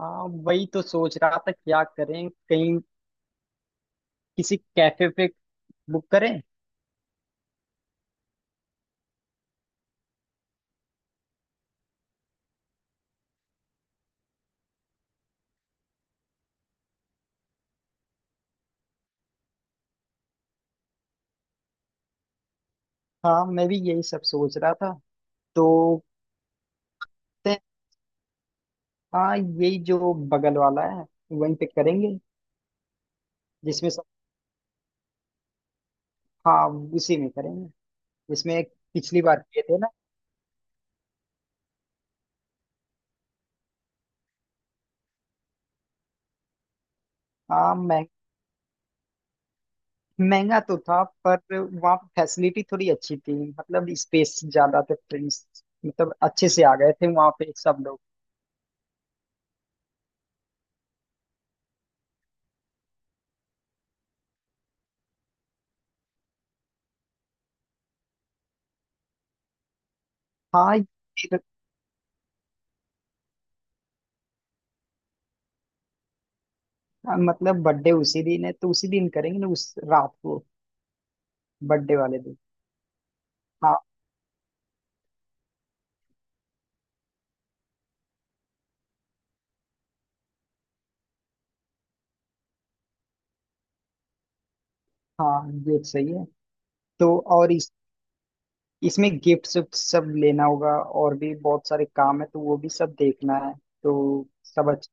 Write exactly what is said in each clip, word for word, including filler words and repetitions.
हाँ, वही तो सोच रहा था क्या करें। कहीं किसी कैफे पे बुक करें। हाँ, मैं भी यही सब सोच रहा था। तो ते- हाँ, यही जो बगल वाला है वहीं पे करेंगे। जिसमें सब। हाँ, उसी में करेंगे जिसमें पिछली बार किए थे ना। हाँ, मह- महंगा तो था पर वहाँ फैसिलिटी थोड़ी अच्छी थी। मतलब स्पेस ज्यादा थे फ्रेंड्स। मतलब अच्छे से आ गए थे वहाँ पे सब लोग। हाँ, फिर। मतलब बर्थडे उसी दिन है तो उसी दिन करेंगे ना उस रात को। बर्थडे वाले दिन। हाँ। हाँ, ये तो सही है। तो और इस इसमें गिफ्ट सब सब लेना होगा। और भी बहुत सारे काम है तो वो भी सब देखना है। तो सब अच्छा।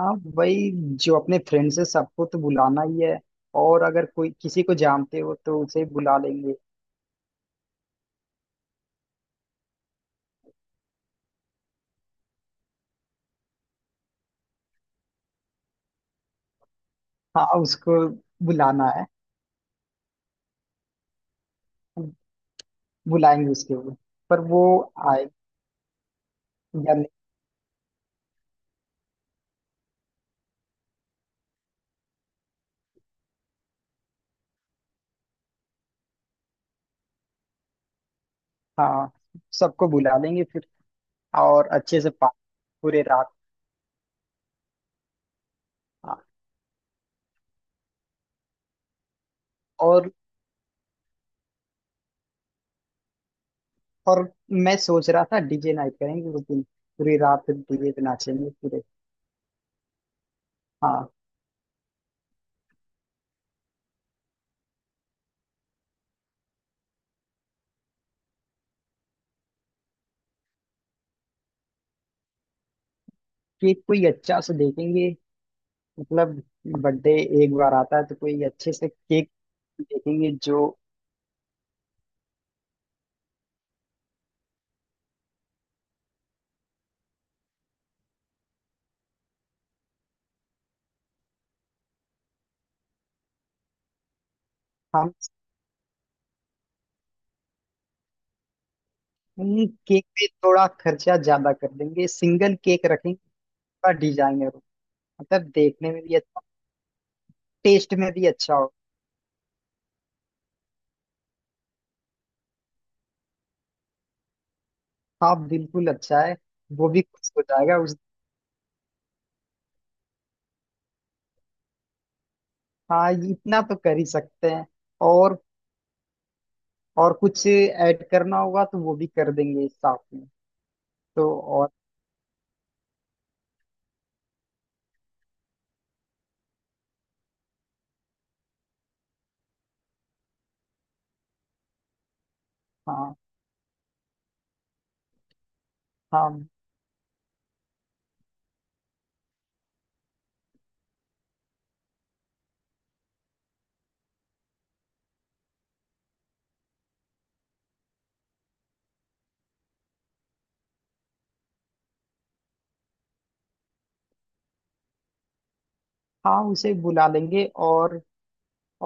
हाँ, वही जो अपने फ्रेंड्स है सबको तो बुलाना ही है। और अगर कोई किसी को जानते हो तो उसे बुला लेंगे। हाँ, उसको बुलाना है। बुलाएंगे उसके लिए। पर वो आए या नहीं। हाँ, सबको बुला लेंगे फिर। और अच्छे से पा- पूरे रात। हाँ। और और मैं सोच रहा था डीजे नाइट करेंगे उस दिन। पूरी रात डीजे पे नाचेंगे पूरे। हाँ। केक कोई अच्छा से देखेंगे। मतलब बर्थडे एक बार आता है तो कोई अच्छे से केक देखेंगे जो हम उन केक पे थोड़ा खर्चा ज्यादा कर देंगे। सिंगल केक रखेंगे थोड़ा डिजाइनर हो। मतलब देखने में भी अच्छा टेस्ट में भी अच्छा हो। हाँ, बिल्कुल अच्छा है। वो भी खुश हो जाएगा उस। हाँ, ये इतना तो कर ही सकते हैं। और और कुछ ऐड करना होगा तो वो भी कर देंगे साथ में। तो और। हाँ, हाँ, हाँ, उसे बुला लेंगे और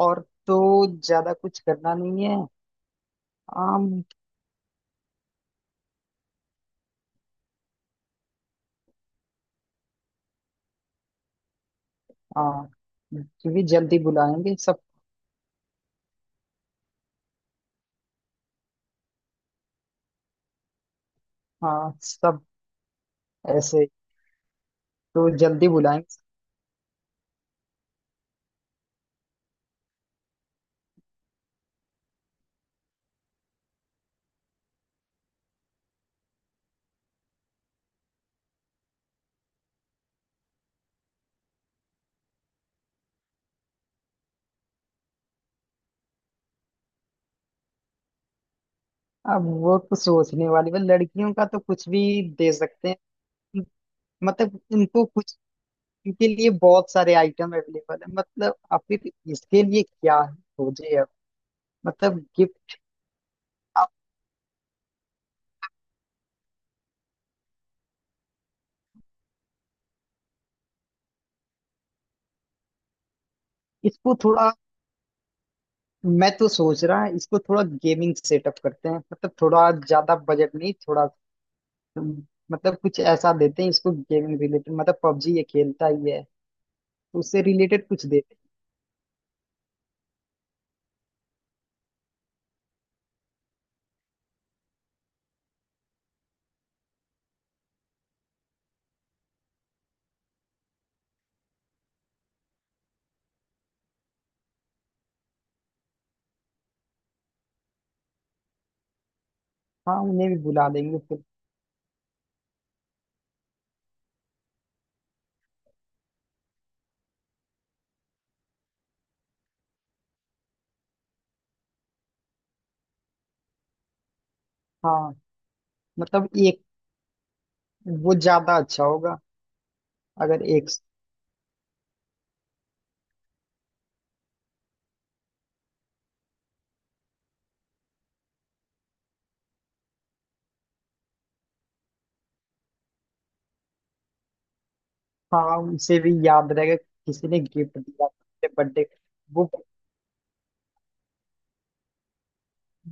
और तो ज्यादा कुछ करना नहीं है। आम। हाँ, क्योंकि जल्दी बुलाएंगे सब। हाँ, सब ऐसे तो जल्दी बुलाएंगे। अब वो तो सोचने वाली बात। लड़कियों का तो कुछ भी दे सकते हैं। मतलब इनको कुछ इनके लिए बहुत सारे आइटम अवेलेबल है। मतलब आखिर इसके लिए क्या है खोजे अब। मतलब गिफ्ट इसको थोड़ा, मैं तो सोच रहा है इसको थोड़ा गेमिंग सेटअप करते हैं। मतलब थोड़ा ज्यादा बजट नहीं थोड़ा हम्म, मतलब कुछ ऐसा देते हैं इसको गेमिंग रिलेटेड। मतलब पबजी ये खेलता ही है तो उससे रिलेटेड कुछ देते हैं। हाँ, उन्हें भी बुला देंगे फिर। हाँ, मतलब एक वो ज्यादा अच्छा होगा अगर एक। हाँ, उसे भी याद रहेगा किसी ने गिफ्ट दिया बर्थडे। वो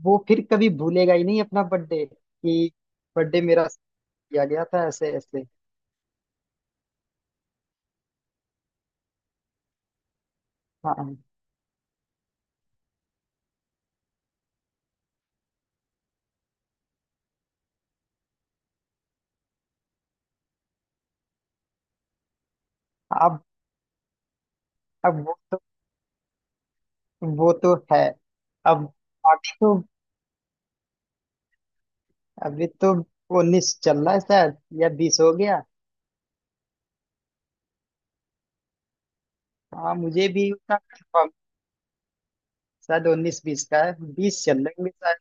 वो फिर कभी भूलेगा ही नहीं अपना बर्थडे कि बर्थडे मेरा किया गया था ऐसे ऐसे। हाँ। अब अब वो वो तो है। अब अभी तो अभी तो उन्नीस चल रहा है शायद या बीस हो गया। हाँ, मुझे भी उतना कंफर्म। शायद उन्नीस बीस का है बीस चल रहे होंगे शायद।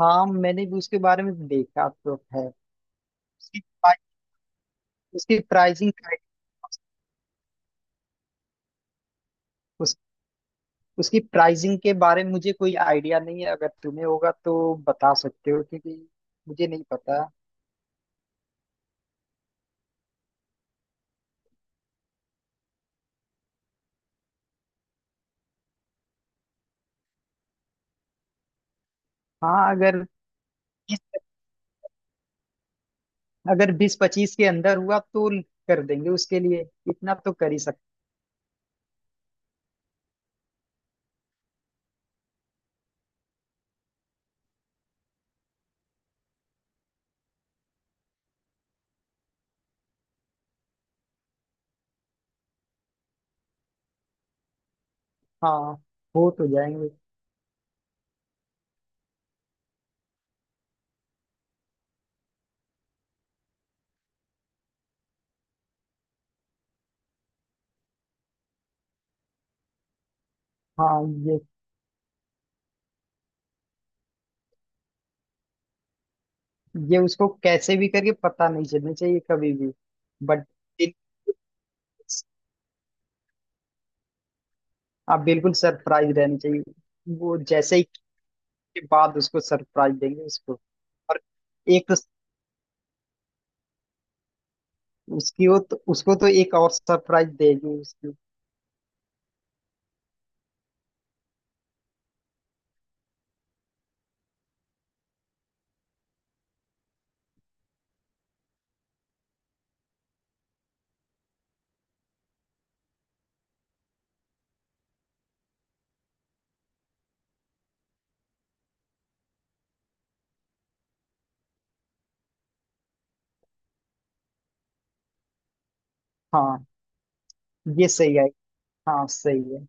हाँ, मैंने भी उसके बारे में देखा तो है। उसकी प्राइ- उसकी प्राइसिंग उस, उसकी प्राइसिंग के बारे में मुझे कोई आइडिया नहीं है। अगर तुम्हें होगा तो बता सकते हो क्योंकि मुझे नहीं पता। हाँ, अगर अगर बीस पच्चीस के अंदर हुआ तो कर देंगे उसके लिए। इतना तो कर ही। हाँ, हो तो जाएंगे। हाँ, ये ये उसको कैसे भी करके पता नहीं चलना चाहिए कभी भी। बट आप बिल्कुल सरप्राइज रहनी चाहिए। वो जैसे ही के बाद उसको सरप्राइज देंगे उसको। और एक तो उसकी वो तो उसको तो एक और सरप्राइज देगी उसकी। हाँ, ये सही है। हाँ, सही है।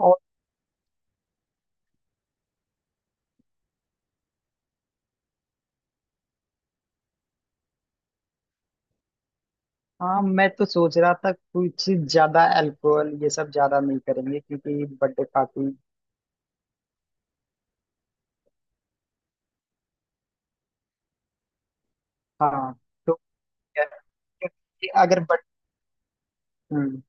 और हाँ, मैं तो सोच रहा था कुछ ज्यादा अल्कोहल ये सब ज्यादा नहीं करेंगे क्योंकि बर्थडे पार्टी। हाँ, तो क्या- अगर बट हम्म।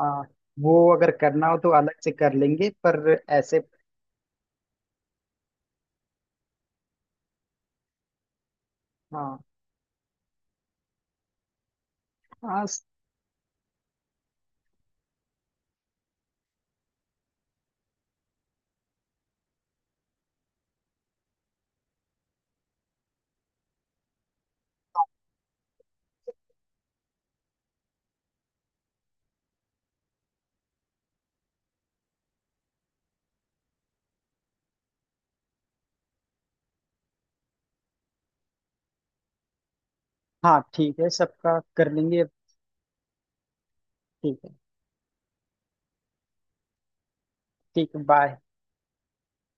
हाँ, वो अगर करना हो तो अलग से कर लेंगे पर ऐसे। हाँ। हाँ स- हाँ, ठीक है सबका कर लेंगे। ठीक है। ठीक है, बाय।